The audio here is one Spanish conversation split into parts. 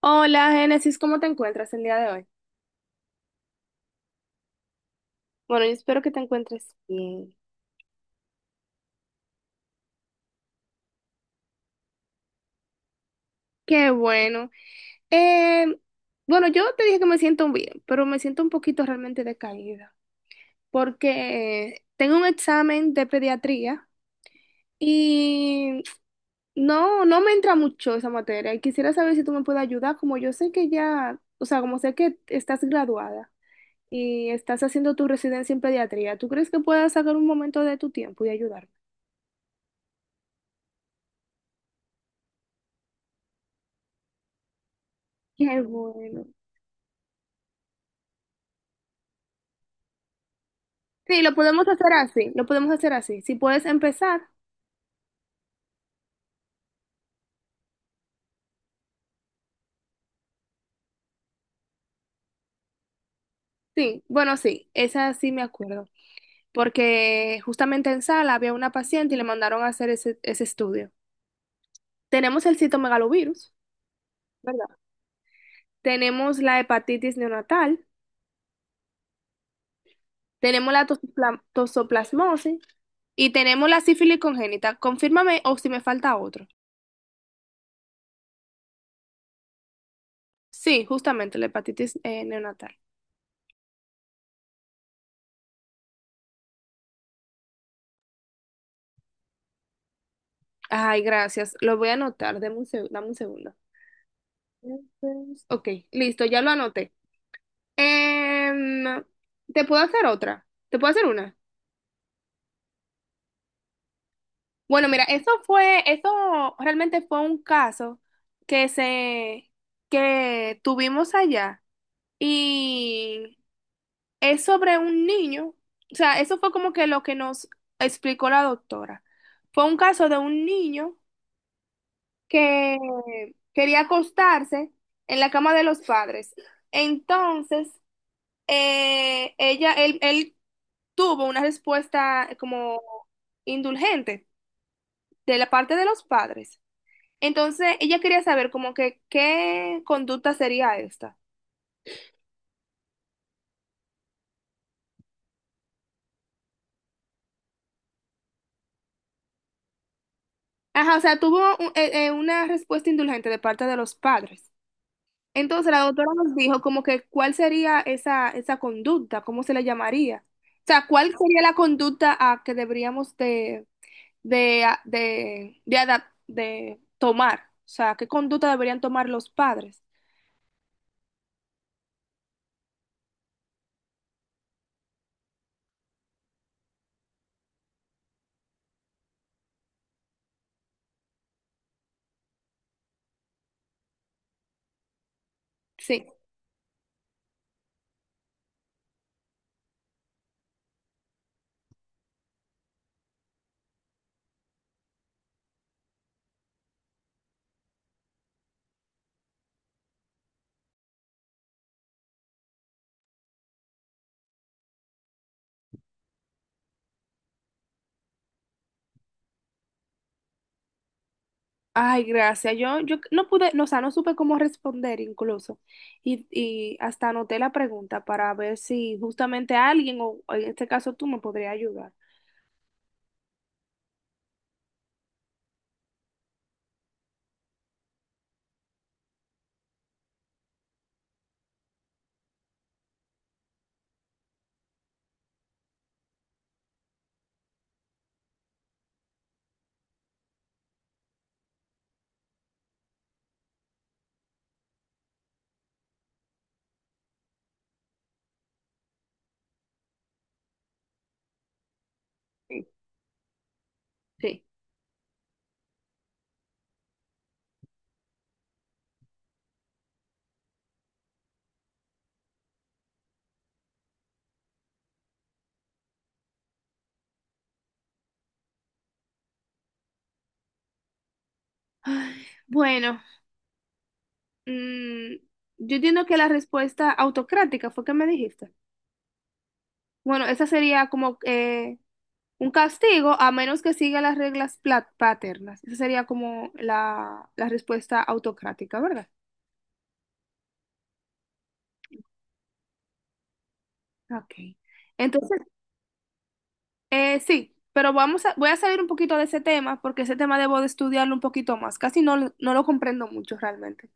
Hola, Génesis, ¿cómo te encuentras el día de hoy? Bueno, yo espero que te encuentres bien. Qué bueno. Eh, bueno, yo te dije que me siento bien, pero me siento un poquito realmente decaída porque tengo un examen de pediatría y no me entra mucho esa materia y quisiera saber si tú me puedes ayudar, como yo sé que ya, o sea, como sé que estás graduada y estás haciendo tu residencia en pediatría, ¿tú crees que puedas sacar un momento de tu tiempo y ayudarme? Qué bueno. Sí, lo podemos hacer así, lo podemos hacer así. Si puedes empezar, sí, bueno, sí, esa sí me acuerdo, porque justamente en sala había una paciente y le mandaron a hacer ese estudio. Tenemos el citomegalovirus, ¿verdad? Tenemos la hepatitis neonatal, tenemos la tosoplasmosis y tenemos la sífilis congénita. Confírmame o si me falta otro. Sí, justamente la hepatitis neonatal. Ay, gracias, lo voy a anotar, dame un, dame un segundo. Entonces, Ok, listo, ya lo anoté. Em, Te puedo hacer otra. Te puedo hacer una. Bueno, mira, eso fue, eso realmente fue un caso que se, que tuvimos allá y es sobre un niño. O sea, eso fue como que lo que nos explicó la doctora. Fue un caso de un niño que quería acostarse en la cama de los padres. Entonces, ella, él tuvo una respuesta como indulgente de la parte de los padres. Entonces, ella quería saber como que qué conducta sería esta. Ajá, o sea, tuvo una respuesta indulgente de parte de los padres. Entonces, la doctora nos dijo como que cuál sería esa conducta, cómo se le llamaría. O sea, cuál sería la conducta a que deberíamos de, a- de, de, adap- de tomar, o sea, qué conducta deberían tomar los padres. Sí. Ay, gracias. Yo no pude, no, o sea, no supe cómo responder incluso. Y hasta anoté la pregunta para ver si justamente alguien, o en este caso tú, me podría ayudar. Sí. Sí. Ay, bueno, mm, yo entiendo que la respuesta autocrática fue que me dijiste. Bueno, esa sería como un castigo a menos que siga las reglas paternas. Esa sería como la respuesta autocrática, ¿verdad? Ok. Entonces, sí, pero vamos a, voy a salir un poquito de ese tema porque ese tema debo de estudiarlo un poquito más. Casi no, no lo comprendo mucho realmente.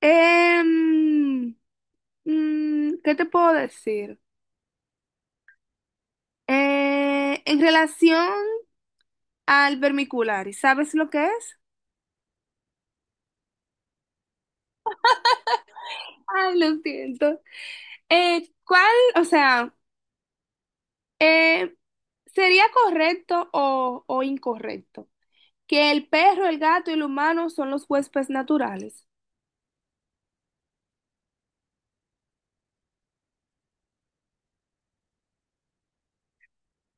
Em, ¿Qué te puedo decir? En relación al vermicular, ¿sabes lo que es? Ay, lo siento. ¿Cuál? O sea... Eh, ¿sería correcto o incorrecto que el perro, el gato y el humano son los huéspedes naturales?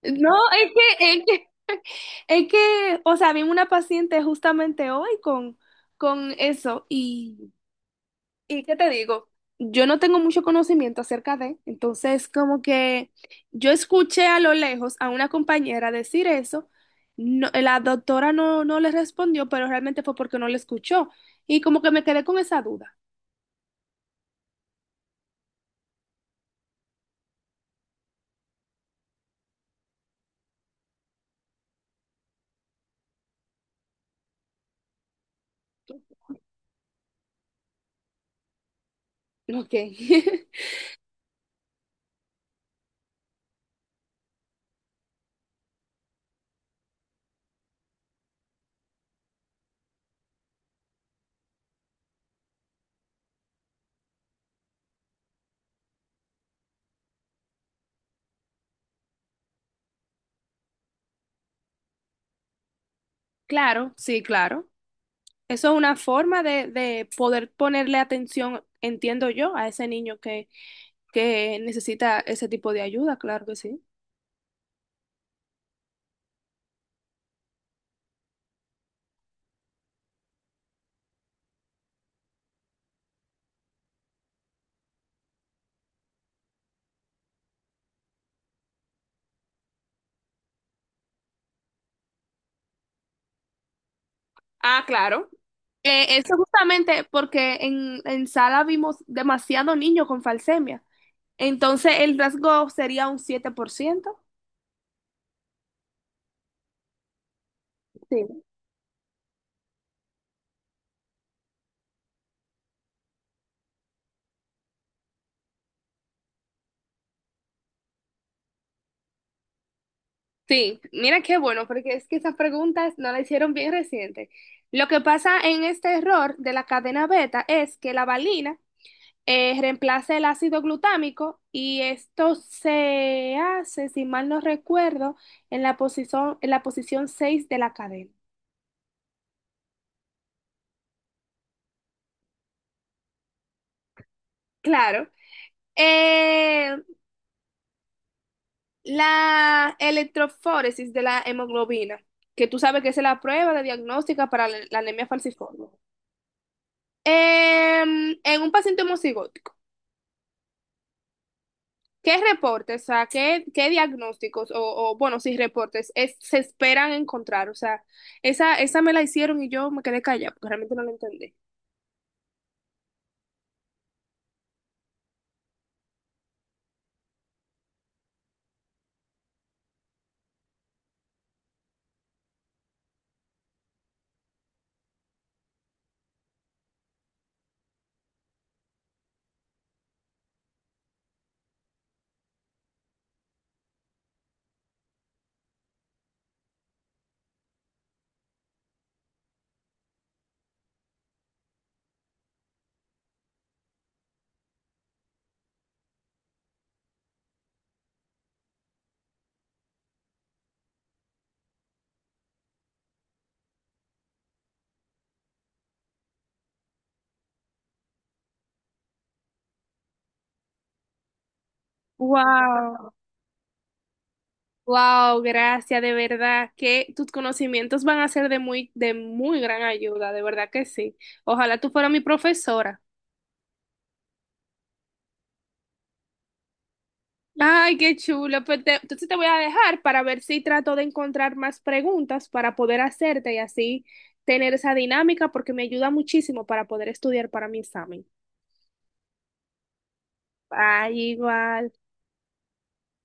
No, es que, es que, es que, o sea, vi una paciente justamente hoy con eso y ¿qué te digo? Yo no tengo mucho conocimiento acerca de, entonces como que yo escuché a lo lejos a una compañera decir eso, no- la doctora no le respondió, pero realmente fue porque no le escuchó y como que me quedé con esa duda. Ok. Claro, sí, claro. Eso es una forma de poder ponerle atención, entiendo yo, a ese niño que necesita ese tipo de ayuda, claro que sí. Ah, claro. Eso justamente porque en sala vimos demasiado niño con falsemia. Entonces el rasgo sería un 7%. Sí. Sí, mira qué bueno, porque es que esas preguntas no la hicieron bien reciente. Lo que pasa en este error de la cadena beta es que la valina reemplaza el ácido glutámico y esto se hace, si mal no recuerdo, en la posición 6 de la cadena. Claro, eh, la electroforesis de la hemoglobina, que tú sabes que es la prueba de diagnóstica para la la anemia falciforme, Em, en un paciente homocigótico. ¿Qué reportes, o sea, qué, qué diagnósticos o, bueno, sí, reportes se esperan encontrar? O sea, esa me la hicieron y yo me quedé callada porque realmente no la entendí. Wow, wow, gracias, de verdad que tus conocimientos van a ser de muy gran ayuda, de verdad que sí. Ojalá tú fueras mi profesora. Ay, qué chulo. Pues entonces te voy a dejar para ver si trato de encontrar más preguntas para poder hacerte y así tener esa dinámica porque me ayuda muchísimo para poder estudiar para mi examen. Ay, igual.